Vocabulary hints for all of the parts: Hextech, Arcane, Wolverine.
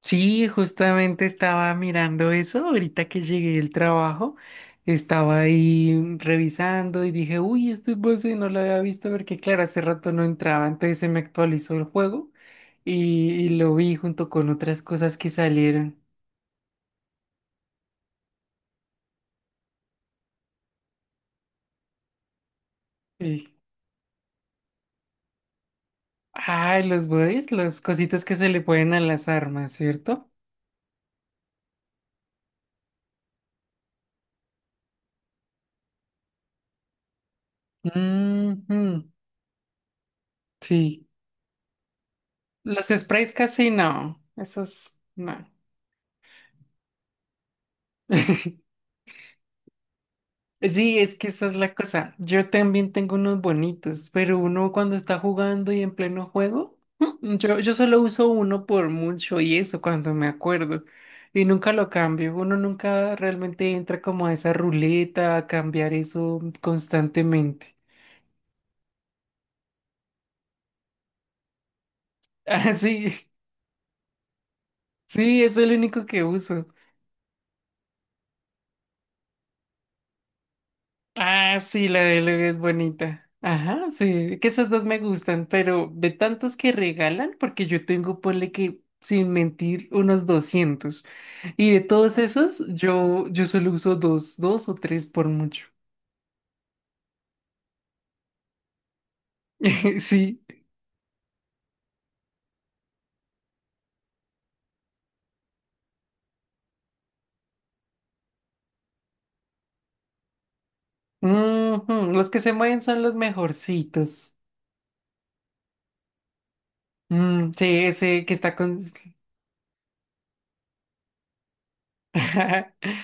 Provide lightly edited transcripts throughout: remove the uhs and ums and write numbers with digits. Sí, justamente estaba mirando eso ahorita que llegué del trabajo. Estaba ahí revisando y dije, uy, este base no lo había visto porque, claro, hace rato no entraba, entonces se me actualizó el juego y lo vi junto con otras cosas que salieron. Y, ay, los bodies, los cositos que se le ponen a las armas, ¿cierto? Ujú, sí. Los sprays casi no, esos no. Sí, es que esa es la cosa. Yo también tengo unos bonitos, pero uno cuando está jugando y en pleno juego, yo solo uso uno por mucho y eso cuando me acuerdo. Y nunca lo cambio. Uno nunca realmente entra como a esa ruleta a cambiar eso constantemente. Ah, sí, sí, es el único que uso. Ah, sí, la de Lego es bonita. Ajá, sí, que esas dos me gustan, pero de tantos que regalan, porque yo tengo, ponle que, sin mentir, unos 200. Y de todos esos, yo solo uso dos, o tres por mucho. Sí, ujú. Los que se mueven son los mejorcitos. Mm, sí, ese que está con...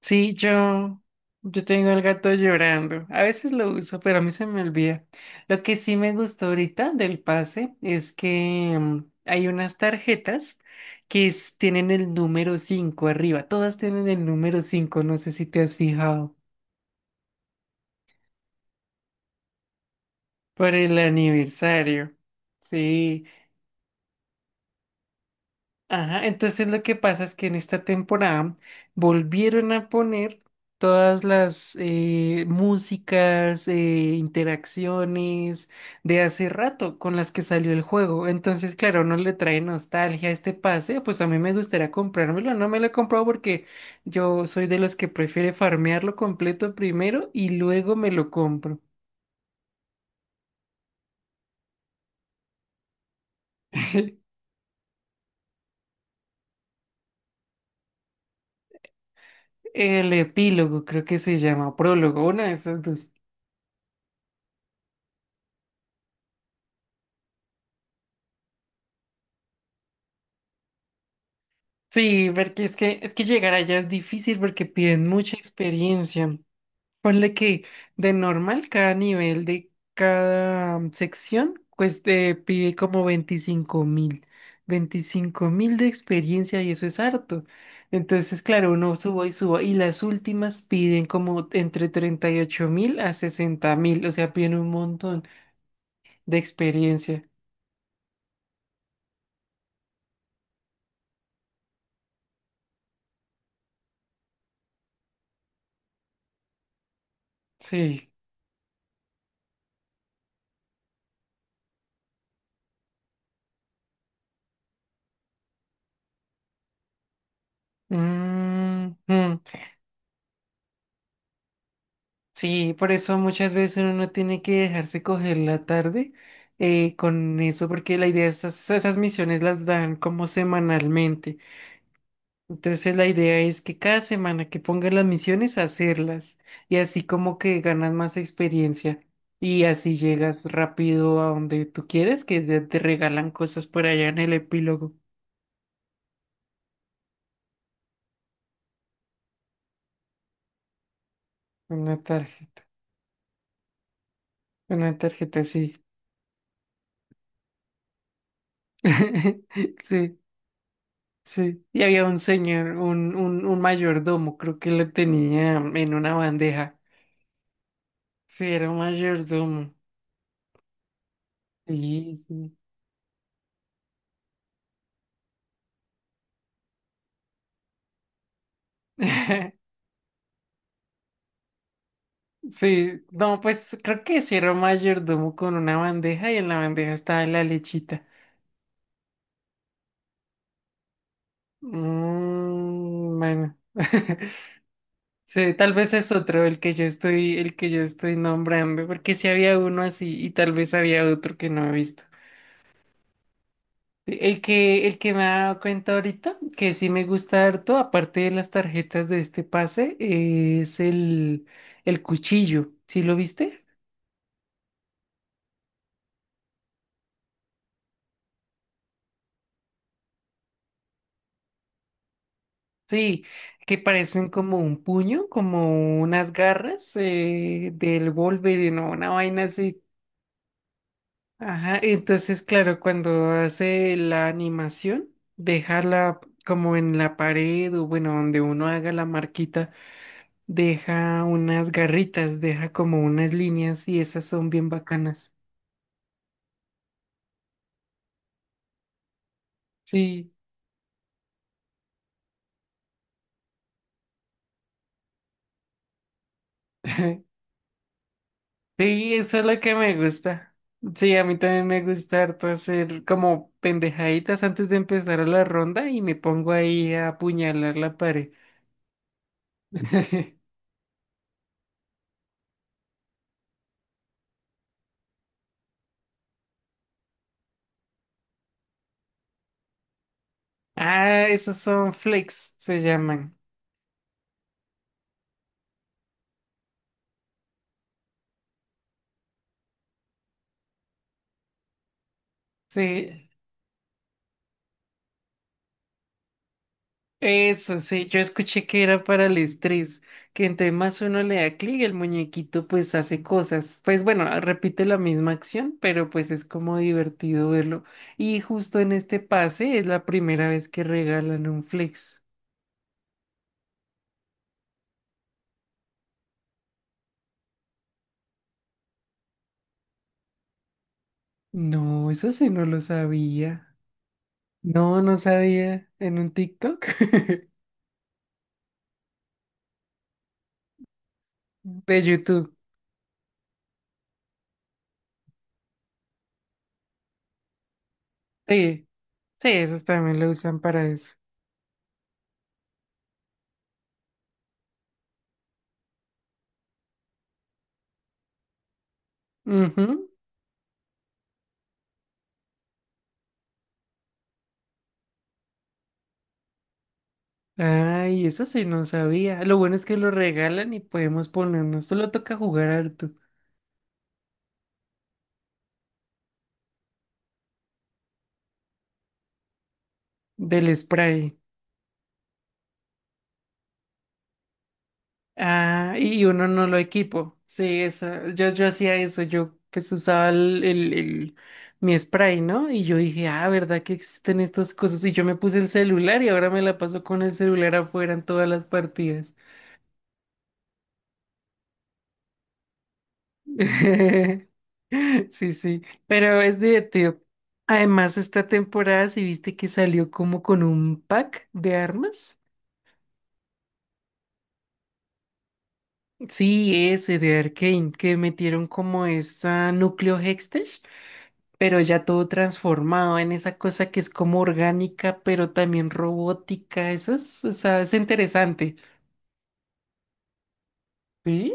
Sí, yo tengo el gato llorando. A veces lo uso, pero a mí se me olvida. Lo que sí me gustó ahorita del pase es que hay unas tarjetas tienen el número 5 arriba. Todas tienen el número 5. No sé si te has fijado. Por el aniversario. Sí. Ajá, entonces lo que pasa es que en esta temporada volvieron a poner todas las músicas, interacciones de hace rato con las que salió el juego. Entonces, claro, no le trae nostalgia a este pase, pues a mí me gustaría comprármelo. No me lo he comprado porque yo soy de los que prefiere farmearlo completo primero y luego me lo compro. El epílogo, creo que se llama, prólogo, una de esas dos. Sí, porque es que llegar allá es difícil porque piden mucha experiencia. Ponle que de normal cada nivel de cada sección, pues te pide como 25.000. 25.000 de experiencia y eso es harto. Entonces, claro, uno subo y subo. Y las últimas piden como entre 38.000 a 60.000. O sea, piden un montón de experiencia. Sí. Mm, mm. Sí, por eso muchas veces uno no tiene que dejarse coger la tarde con eso, porque la idea, esas misiones las dan como semanalmente. Entonces la idea es que cada semana que pongan las misiones, hacerlas. Y así como que ganas más experiencia. Y así llegas rápido a donde tú quieres, que te regalan cosas por allá en el epílogo. Una tarjeta. Una tarjeta, sí. Sí. Sí, y había un señor, un mayordomo, creo que lo tenía en una bandeja. Sí, era un mayordomo. Sí, sí. Sí, no, pues creo que sí era un mayordomo con una bandeja y en la bandeja estaba la lechita. Mm, bueno. Sí, tal vez es otro el que yo estoy nombrando, porque sí había uno así y tal vez había otro que no he visto. Sí. El que me he dado cuenta ahorita, que sí me gusta harto, aparte de las tarjetas de este pase, es el cuchillo. ¿Sí lo viste? Sí, que parecen como un puño, como unas garras del Wolverine o una vaina así. Ajá, entonces claro, cuando hace la animación, dejarla como en la pared o bueno, donde uno haga la marquita. Deja unas garritas, deja como unas líneas y esas son bien bacanas. Sí, sí, eso es lo que me gusta. Sí, a mí también me gusta harto hacer como pendejaditas antes de empezar a la ronda y me pongo ahí a apuñalar la pared. Ah, esos son flakes, se llaman. Sí. Eso sí, yo escuché que era para el estrés, que entre más uno le da clic, el muñequito pues hace cosas. Pues bueno, repite la misma acción, pero pues es como divertido verlo. Y justo en este pase es la primera vez que regalan un flex. No, eso sí no lo sabía. No, no sabía. En un TikTok de YouTube. Sí, sí, esos también lo usan para eso. Ujú. Ay, eso sí no sabía. Lo bueno es que lo regalan y podemos ponernos. Solo toca jugar harto del spray. Ah, y uno no lo equipo. Sí, eso. Yo hacía eso. Yo pues usaba mi spray, ¿no? Y yo dije, ah, ¿verdad que existen estas cosas? Y yo me puse el celular y ahora me la paso con el celular afuera en todas las partidas. Sí, sí, pero es divertido. Además, esta temporada, ¿si viste que salió como con un pack de armas? Sí, ese de Arcane, que metieron como esta núcleo Hextech, pero ya todo transformado en esa cosa que es como orgánica, pero también robótica. Eso es, o sea, es interesante. ¿Sí?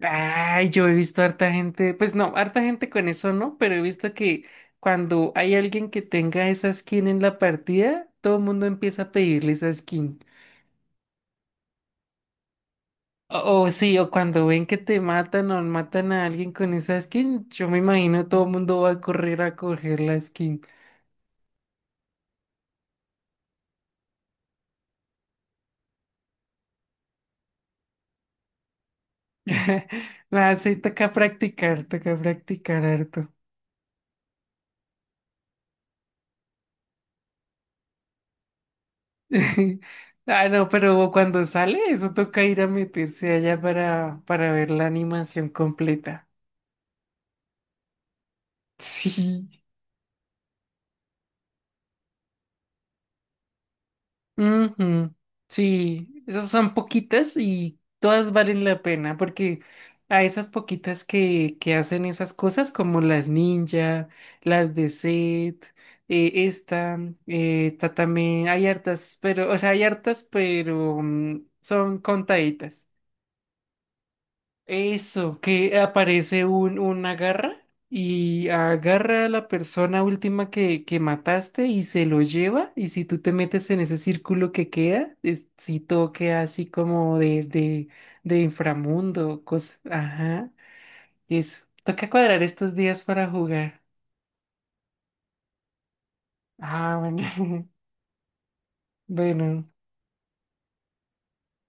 Ay, yo he visto harta gente, pues no, harta gente con eso no, pero he visto que cuando hay alguien que tenga esa skin en la partida, todo el mundo empieza a pedirle esa skin. O sí, o cuando ven que te matan o matan a alguien con esa skin, yo me imagino todo el mundo va a correr a coger la skin. Nada, sí, toca practicar harto. Ah, no, pero cuando sale, eso toca ir a meterse allá para, ver la animación completa. Sí, ujú. Sí, esas son poquitas y todas valen la pena porque a esas poquitas que hacen esas cosas como las ninja, las de Set, esta, esta también, hay hartas, pero, o sea, hay hartas, pero son contaditas. Eso, que aparece un, una garra y agarra a la persona última que mataste y se lo lleva. Y si tú te metes en ese círculo que queda, es- si todo queda así como de, de inframundo, cosa. Ajá, eso. Toca cuadrar estos días para jugar. Ah, bueno. Bueno.